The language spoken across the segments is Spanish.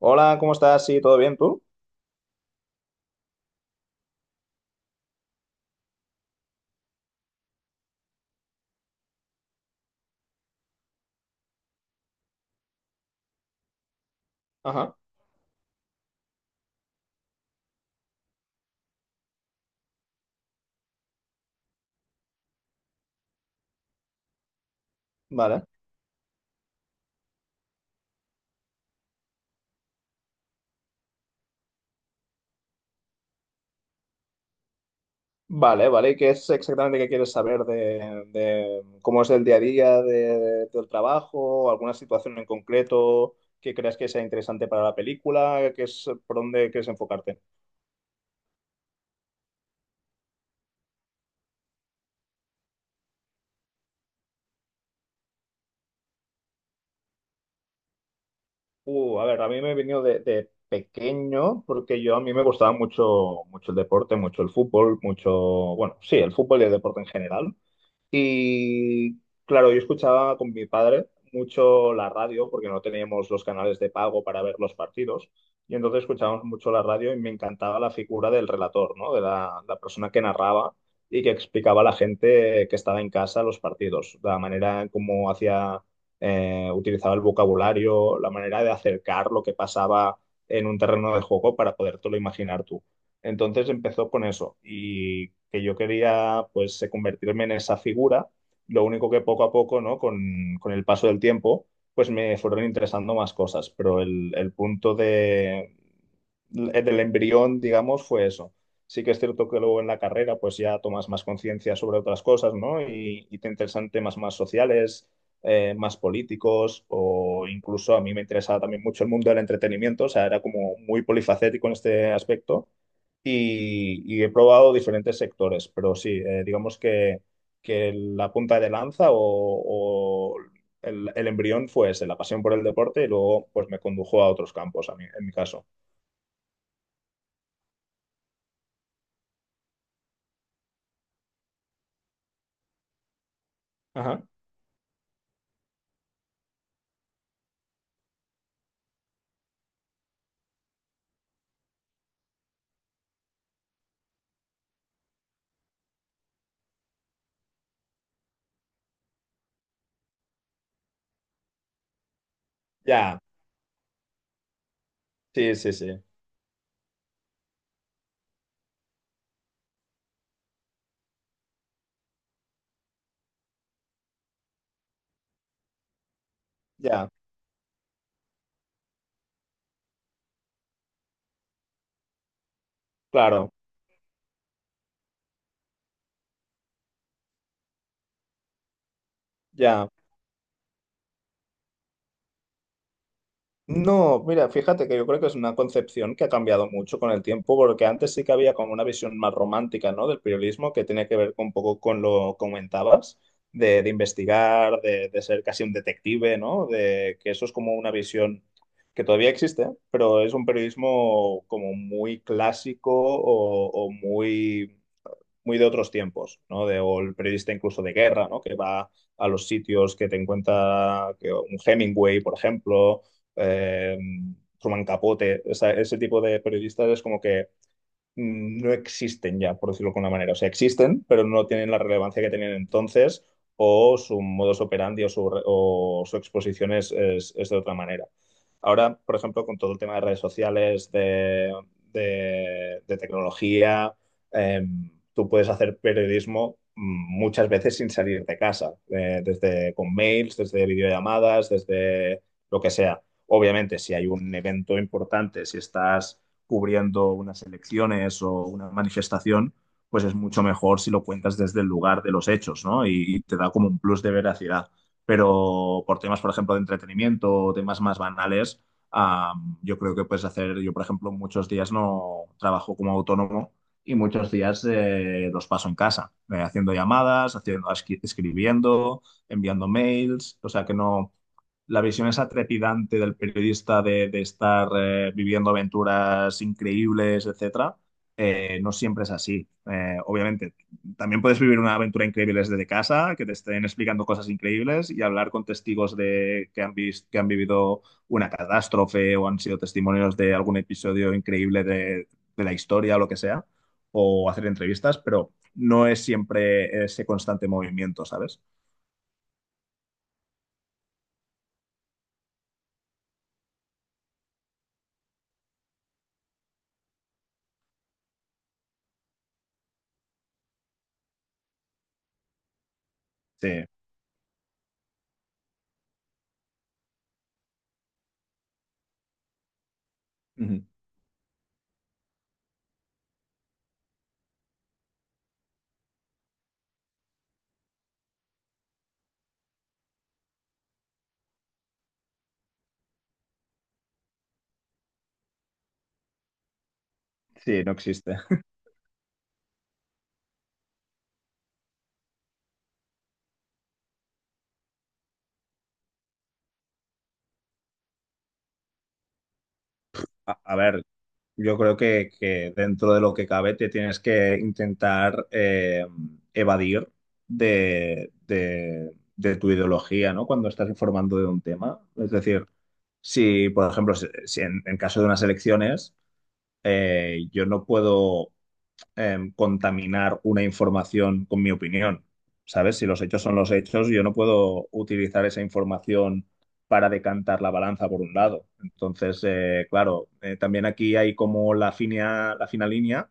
Hola, ¿cómo estás? Sí, ¿todo bien tú? Ajá. Vale. Vale, vale. ¿Y qué es exactamente que quieres saber de cómo es el día a día del trabajo? ¿Alguna situación en concreto que creas que sea interesante para la película? ¿Qué es por dónde quieres enfocarte? A ver, a mí me he venido de pequeño porque yo a mí me gustaba mucho, mucho el deporte, mucho el fútbol, mucho, bueno, sí, el fútbol y el deporte en general. Y claro, yo escuchaba con mi padre mucho la radio, porque no teníamos los canales de pago para ver los partidos, y entonces escuchábamos mucho la radio y me encantaba la figura del relator, ¿no? De la persona que narraba y que explicaba a la gente que estaba en casa los partidos, la manera en cómo hacía, utilizaba el vocabulario, la manera de acercar lo que pasaba en un terreno de juego para podértelo imaginar tú. Entonces empezó con eso y que yo quería pues convertirme en esa figura, lo único que poco a poco, ¿no? Con el paso del tiempo, pues me fueron interesando más cosas, pero el punto de, del embrión, digamos, fue eso. Sí que es cierto que luego en la carrera pues ya tomas más conciencia sobre otras cosas, ¿no? Y te interesan temas más sociales, más políticos o incluso a mí me interesaba también mucho el mundo del entretenimiento, o sea, era como muy polifacético en este aspecto y he probado diferentes sectores, pero sí, digamos que la punta de lanza o el embrión fue ese, la pasión por el deporte y luego pues me condujo a otros campos, a mí, en mi caso. Ajá. Ya, sí, sí, sí, ya, claro, ya. No, mira, fíjate que yo creo que es una concepción que ha cambiado mucho con el tiempo, porque antes sí que había como una visión más romántica, ¿no? Del periodismo que tenía que ver con un poco con lo que comentabas, de investigar, de ser casi un detective, ¿no? De que eso es como una visión que todavía existe, pero es un periodismo como muy clásico o muy muy de otros tiempos, ¿no? De, o el periodista incluso de guerra, ¿no? Que va a los sitios que te encuentra que, un Hemingway, por ejemplo, eh, Truman Capote, ese tipo de periodistas es como que no existen ya, por decirlo de alguna manera. O sea, existen, pero no tienen la relevancia que tenían entonces o su modus operandi o su, o su exposición es, es de otra manera. Ahora, por ejemplo, con todo el tema de redes sociales, de, de tecnología, tú puedes hacer periodismo muchas veces sin salir de casa, desde con mails, desde videollamadas, desde lo que sea. Obviamente, si hay un evento importante, si estás cubriendo unas elecciones o una manifestación, pues es mucho mejor si lo cuentas desde el lugar de los hechos, ¿no? Y te da como un plus de veracidad. Pero por temas, por ejemplo, de entretenimiento o temas más banales, ah, yo creo que puedes hacer, yo por ejemplo, muchos días no trabajo como autónomo y muchos días los paso en casa, haciendo llamadas, haciendo, escribiendo, enviando mails, o sea que no la visión esa trepidante del periodista de estar viviendo aventuras increíbles, etcétera, no siempre es así. Obviamente, también puedes vivir una aventura increíble desde casa, que te estén explicando cosas increíbles y hablar con testigos de que han visto, que han vivido una catástrofe o han sido testimonios de algún episodio increíble de la historia o lo que sea, o hacer entrevistas, pero no es siempre ese constante movimiento, ¿sabes? Sí. Ujú. Sí, no existe. A ver, yo creo que dentro de lo que cabe te tienes que intentar evadir de tu ideología, ¿no? Cuando estás informando de un tema. Es decir, si, por ejemplo, si en, en caso de unas elecciones, yo no puedo contaminar una información con mi opinión. ¿Sabes? Si los hechos son los hechos, yo no puedo utilizar esa información para decantar la balanza por un lado. Entonces, claro, también aquí hay como la fina línea,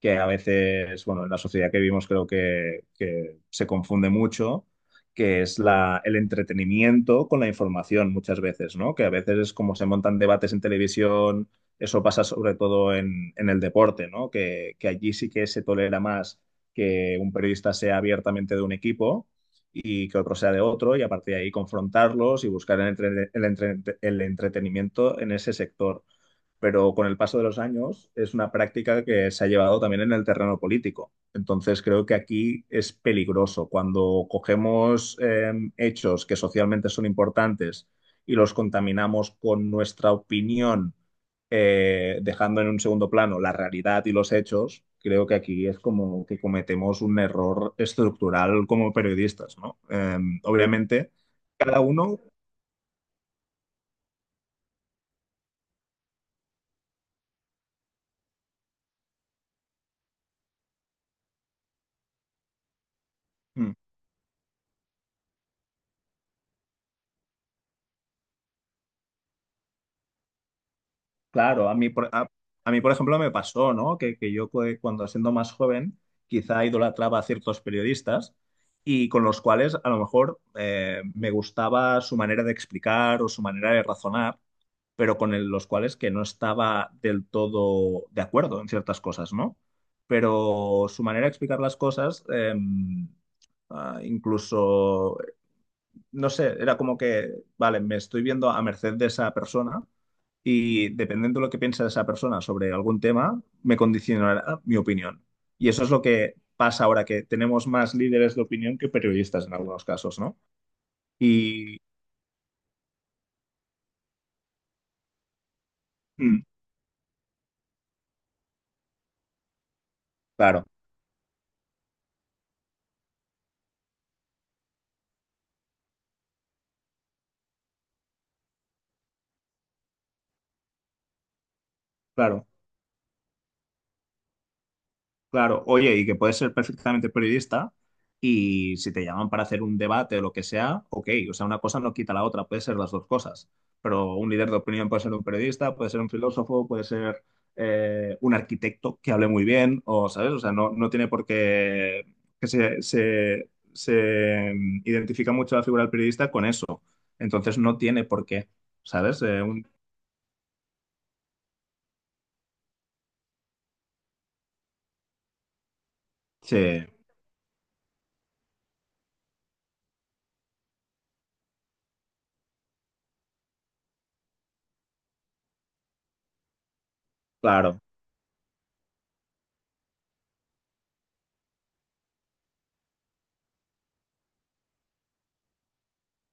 que a veces, bueno, en la sociedad que vivimos creo que se confunde mucho, que es la, el entretenimiento con la información muchas veces, ¿no? Que a veces es como se montan debates en televisión, eso pasa sobre todo en el deporte, ¿no? Que allí sí que se tolera más que un periodista sea abiertamente de un equipo y que otro sea de otro, y a partir de ahí confrontarlos y buscar el entretenimiento en ese sector, pero con el paso de los años es una práctica que se ha llevado también en el terreno político. Entonces creo que aquí es peligroso cuando cogemos hechos que socialmente son importantes y los contaminamos con nuestra opinión, dejando en un segundo plano la realidad y los hechos. Creo que aquí es como que cometemos un error estructural como periodistas, ¿no? Obviamente, cada uno... hmm, claro, a mí, por ejemplo, me pasó, ¿no? Que yo cuando siendo más joven, quizá idolatraba a ciertos periodistas y con los cuales a lo mejor me gustaba su manera de explicar o su manera de razonar, pero con los cuales que no estaba del todo de acuerdo en ciertas cosas, ¿no? Pero su manera de explicar las cosas, incluso no sé, era como que, vale, me estoy viendo a merced de esa persona y dependiendo de lo que piensa esa persona sobre algún tema, me condicionará mi opinión. Y eso es lo que pasa ahora, que tenemos más líderes de opinión que periodistas en algunos casos, ¿no? Y mm, claro, claro. Claro, oye, y que puedes ser perfectamente periodista y si te llaman para hacer un debate o lo que sea, ok, o sea, una cosa no quita la otra, puede ser las dos cosas, pero un líder de opinión puede ser un periodista, puede ser un filósofo, puede ser un arquitecto que hable muy bien, o, ¿sabes? O sea, no, no tiene por qué que se identifica mucho la figura del periodista con eso, entonces no tiene por qué, ¿sabes? Sí, claro.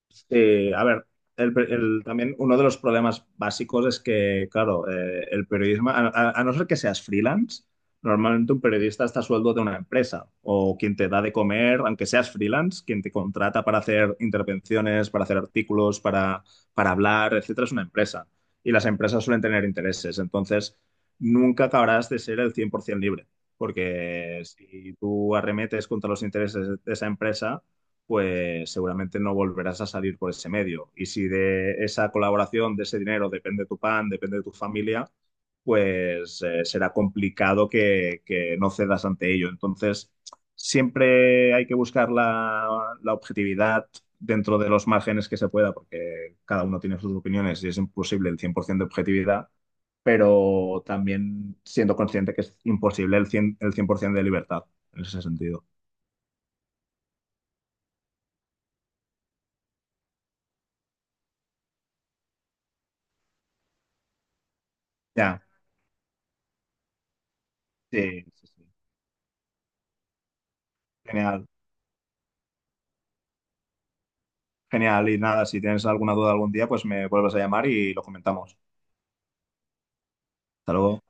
Sí, a ver, también uno de los problemas básicos es que, claro, el periodismo, a no ser que seas freelance, normalmente un periodista está a sueldo de una empresa o quien te da de comer, aunque seas freelance, quien te contrata para hacer intervenciones, para hacer artículos, para hablar, etcétera, es una empresa. Y las empresas suelen tener intereses, entonces nunca acabarás de ser el 100% libre, porque si tú arremetes contra los intereses de esa empresa pues seguramente no volverás a salir por ese medio. Y si de esa colaboración, de ese dinero, depende tu pan, depende de tu familia, pues será complicado que no cedas ante ello. Entonces, siempre hay que buscar la objetividad dentro de los márgenes que se pueda, porque cada uno tiene sus opiniones y es imposible el 100% de objetividad, pero también siendo consciente que es imposible el 100%, el 100% de libertad en ese sentido. Ya, sí, sí, sí. Genial. Genial, y nada, si tienes alguna duda algún día, pues me vuelves a llamar y lo comentamos. Hasta luego.